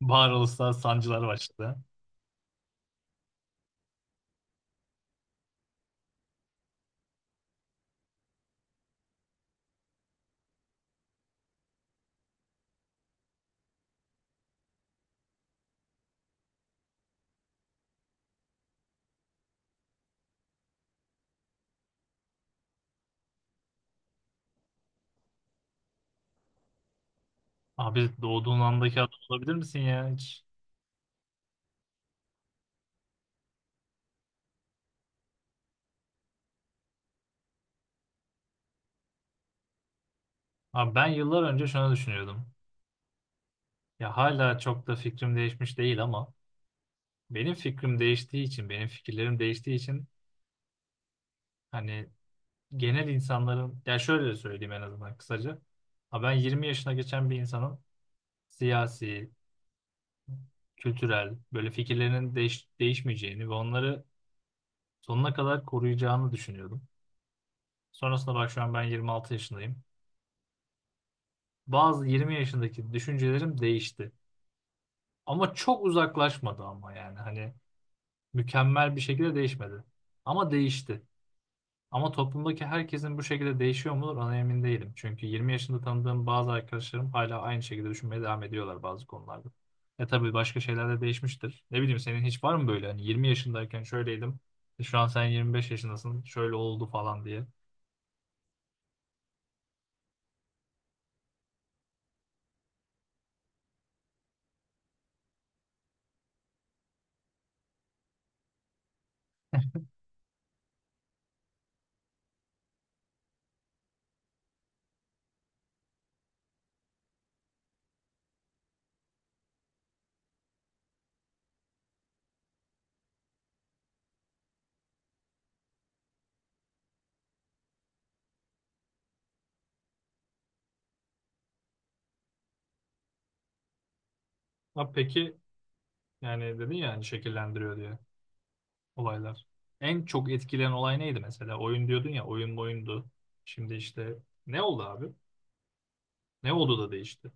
Bağır Uluslararası Sancılar başladı. Abi doğduğun andaki adam olabilir misin ya hiç? Abi ben yıllar önce şunu düşünüyordum. Ya hala çok da fikrim değişmiş değil ama benim fikirlerim değiştiği için hani genel insanların, ya şöyle söyleyeyim en azından kısaca. Ha ben 20 yaşına geçen bir insanın siyasi, kültürel, böyle fikirlerinin değişmeyeceğini ve onları sonuna kadar koruyacağını düşünüyordum. Sonrasında bak şu an ben 26 yaşındayım. Bazı 20 yaşındaki düşüncelerim değişti. Ama çok uzaklaşmadı, ama yani hani mükemmel bir şekilde değişmedi. Ama değişti. Ama toplumdaki herkesin bu şekilde değişiyor mudur, ona emin değilim. Çünkü 20 yaşında tanıdığım bazı arkadaşlarım hala aynı şekilde düşünmeye devam ediyorlar bazı konularda. E tabii başka şeyler de değişmiştir. Ne bileyim, senin hiç var mı böyle hani 20 yaşındayken şöyleydim. Şu an sen 25 yaşındasın. Şöyle oldu falan diye. Ha peki, yani dedin ya hani şekillendiriyor diye. Olaylar. En çok etkileyen olay neydi mesela? Oyun diyordun ya, oyun oyundu. Şimdi işte ne oldu abi? Ne oldu da değişti?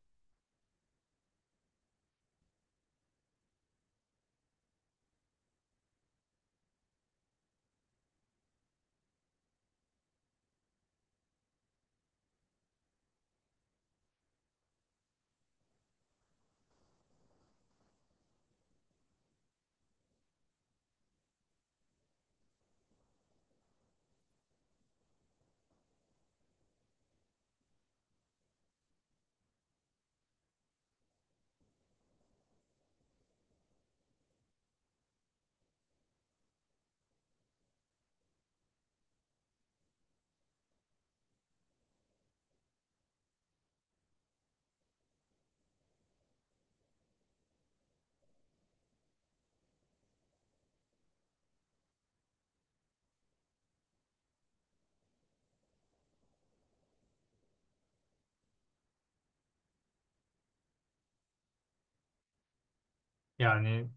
Yani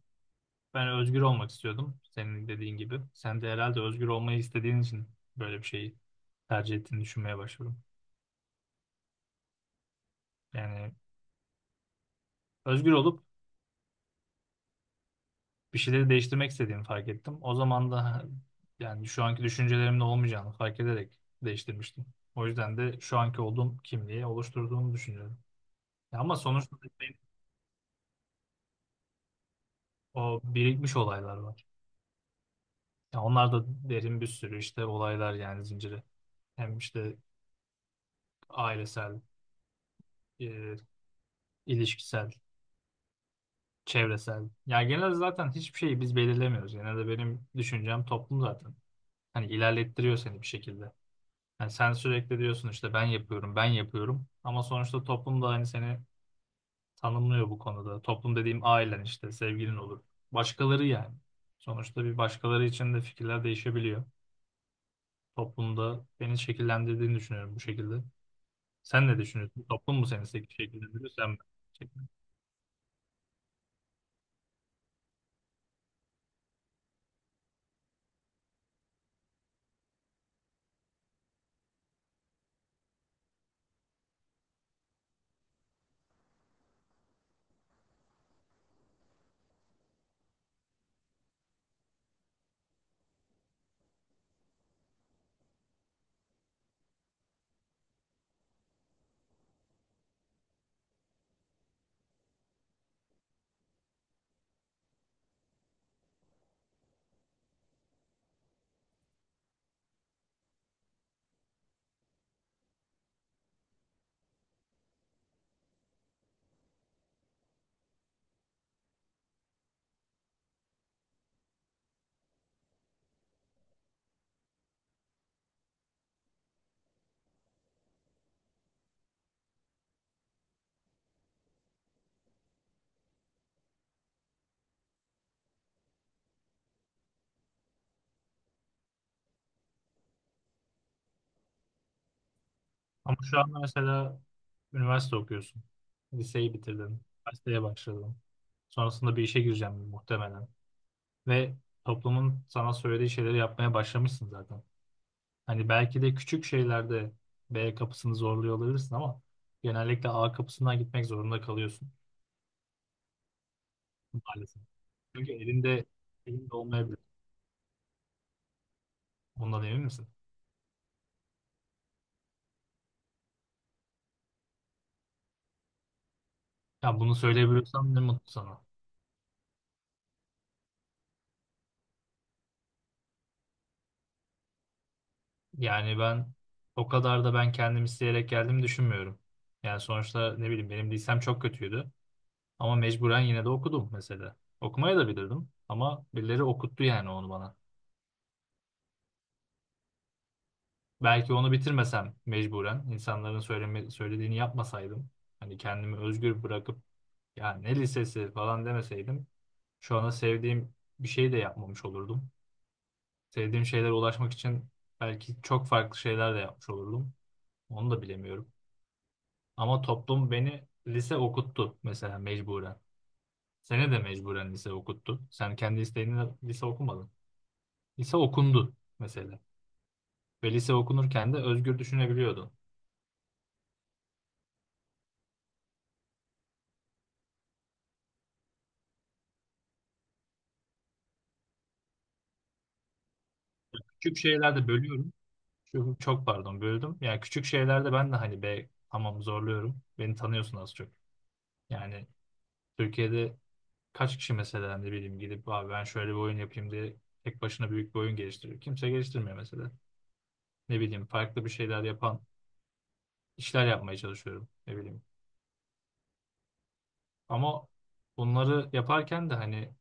ben özgür olmak istiyordum senin dediğin gibi. Sen de herhalde özgür olmayı istediğin için böyle bir şeyi tercih ettiğini düşünmeye başladım. Yani özgür olup bir şeyleri değiştirmek istediğimi fark ettim. O zaman da yani şu anki düşüncelerimde olmayacağını fark ederek değiştirmiştim. O yüzden de şu anki olduğum kimliği oluşturduğumu düşünüyorum. Ya, ama sonuçta o birikmiş olaylar var. Ya onlar da derin bir sürü işte olaylar yani zinciri. Hem işte ailesel, e, ilişkisel, çevresel. Ya genelde zaten hiçbir şeyi biz belirlemiyoruz. Genelde benim düşüncem toplum zaten. Hani ilerlettiriyor seni bir şekilde. Yani sen sürekli diyorsun işte ben yapıyorum, ben yapıyorum. Ama sonuçta toplum da hani seni tanımlıyor bu konuda. Toplum dediğim ailen işte, sevgilin olur. Başkaları yani. Sonuçta bir başkaları için de fikirler değişebiliyor. Toplumda beni şekillendirdiğini düşünüyorum bu şekilde. Sen ne düşünüyorsun? Toplum mu seni şekillendiriyor, sen mi? Şekil- Ama şu an mesela üniversite okuyorsun. Liseyi bitirdin. Üniversiteye başladın. Sonrasında bir işe gireceğim muhtemelen. Ve toplumun sana söylediği şeyleri yapmaya başlamışsın zaten. Hani belki de küçük şeylerde B kapısını zorluyor olabilirsin ama genellikle A kapısından gitmek zorunda kalıyorsun maalesef. Çünkü elinde olmayabilir. Ondan emin misin? Ya bunu söyleyebiliyorsam ne mutlu sana. Yani ben o kadar da kendim isteyerek geldiğimi düşünmüyorum. Yani sonuçta ne bileyim benim lisem çok kötüydü. Ama mecburen yine de okudum mesela. Okumaya da bilirdim ama birileri okuttu yani onu bana. Belki onu bitirmesem, mecburen insanların söylediğini yapmasaydım. Hani kendimi özgür bırakıp ya ne lisesi falan demeseydim. Şu ana sevdiğim bir şey de yapmamış olurdum. Sevdiğim şeylere ulaşmak için belki çok farklı şeyler de yapmış olurdum. Onu da bilemiyorum. Ama toplum beni lise okuttu mesela mecburen. Seni de mecburen lise okuttu. Sen kendi isteğinle lise okumadın. Lise okundu mesela. Ve lise okunurken de özgür düşünebiliyordun. Küçük şeylerde bölüyorum. Çok, çok Pardon böldüm. Yani küçük şeylerde ben de hani be tamam zorluyorum. Beni tanıyorsun az çok. Yani Türkiye'de kaç kişi mesela, ne bileyim, gidip abi ben şöyle bir oyun yapayım diye tek başına büyük bir oyun geliştiriyor. Kimse geliştirmiyor mesela. Ne bileyim, farklı bir şeyler yapan işler yapmaya çalışıyorum, ne bileyim. Ama bunları yaparken de hani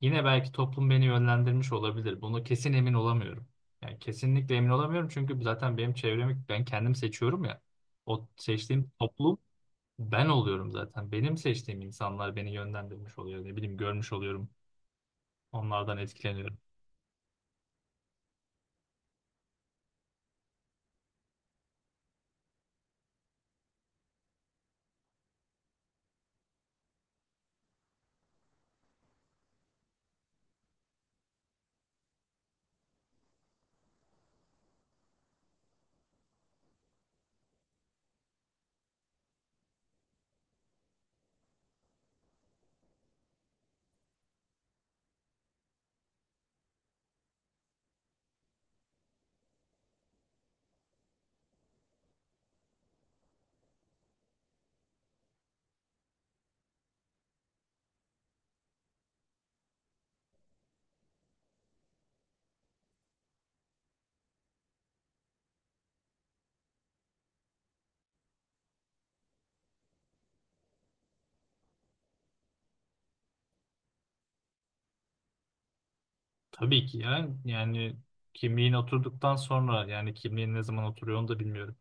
yine belki toplum beni yönlendirmiş olabilir. Bunu kesin emin olamıyorum. Yani kesinlikle emin olamıyorum çünkü zaten benim çevremi ben kendim seçiyorum ya. O seçtiğim toplum ben oluyorum zaten. Benim seçtiğim insanlar beni yönlendirmiş oluyor. Ne bileyim görmüş oluyorum. Onlardan etkileniyorum. Tabii ki ya, yani kimliğin oturduktan sonra, yani kimliğin ne zaman oturuyor onu da bilmiyorum.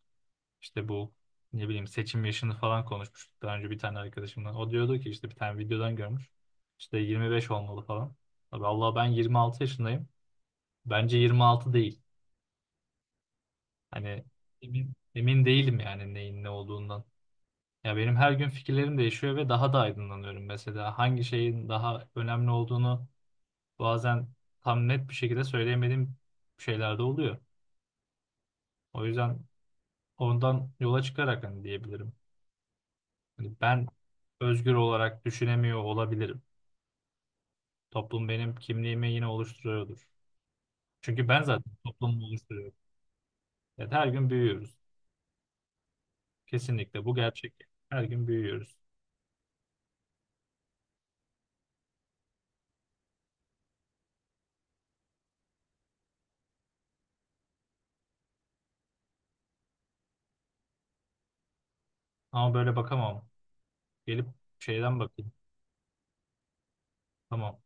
İşte bu, ne bileyim, seçim yaşını falan konuşmuştuk daha önce bir tane arkadaşımla. O diyordu ki işte bir tane videodan görmüş. İşte 25 olmalı falan. Abi Allah ben 26 yaşındayım. Bence 26 değil. Hani emin değilim yani neyin ne olduğundan. Ya benim her gün fikirlerim değişiyor ve daha da aydınlanıyorum mesela. Hangi şeyin daha önemli olduğunu bazen tam net bir şekilde söyleyemediğim şeyler de oluyor. O yüzden ondan yola çıkarak hani diyebilirim. Hani ben özgür olarak düşünemiyor olabilirim. Toplum benim kimliğimi yine oluşturuyordur. Çünkü ben zaten toplumu oluşturuyorum. Yani her gün büyüyoruz. Kesinlikle bu gerçek. Her gün büyüyoruz. Ama böyle bakamam. Gelip şeyden bakayım. Tamam.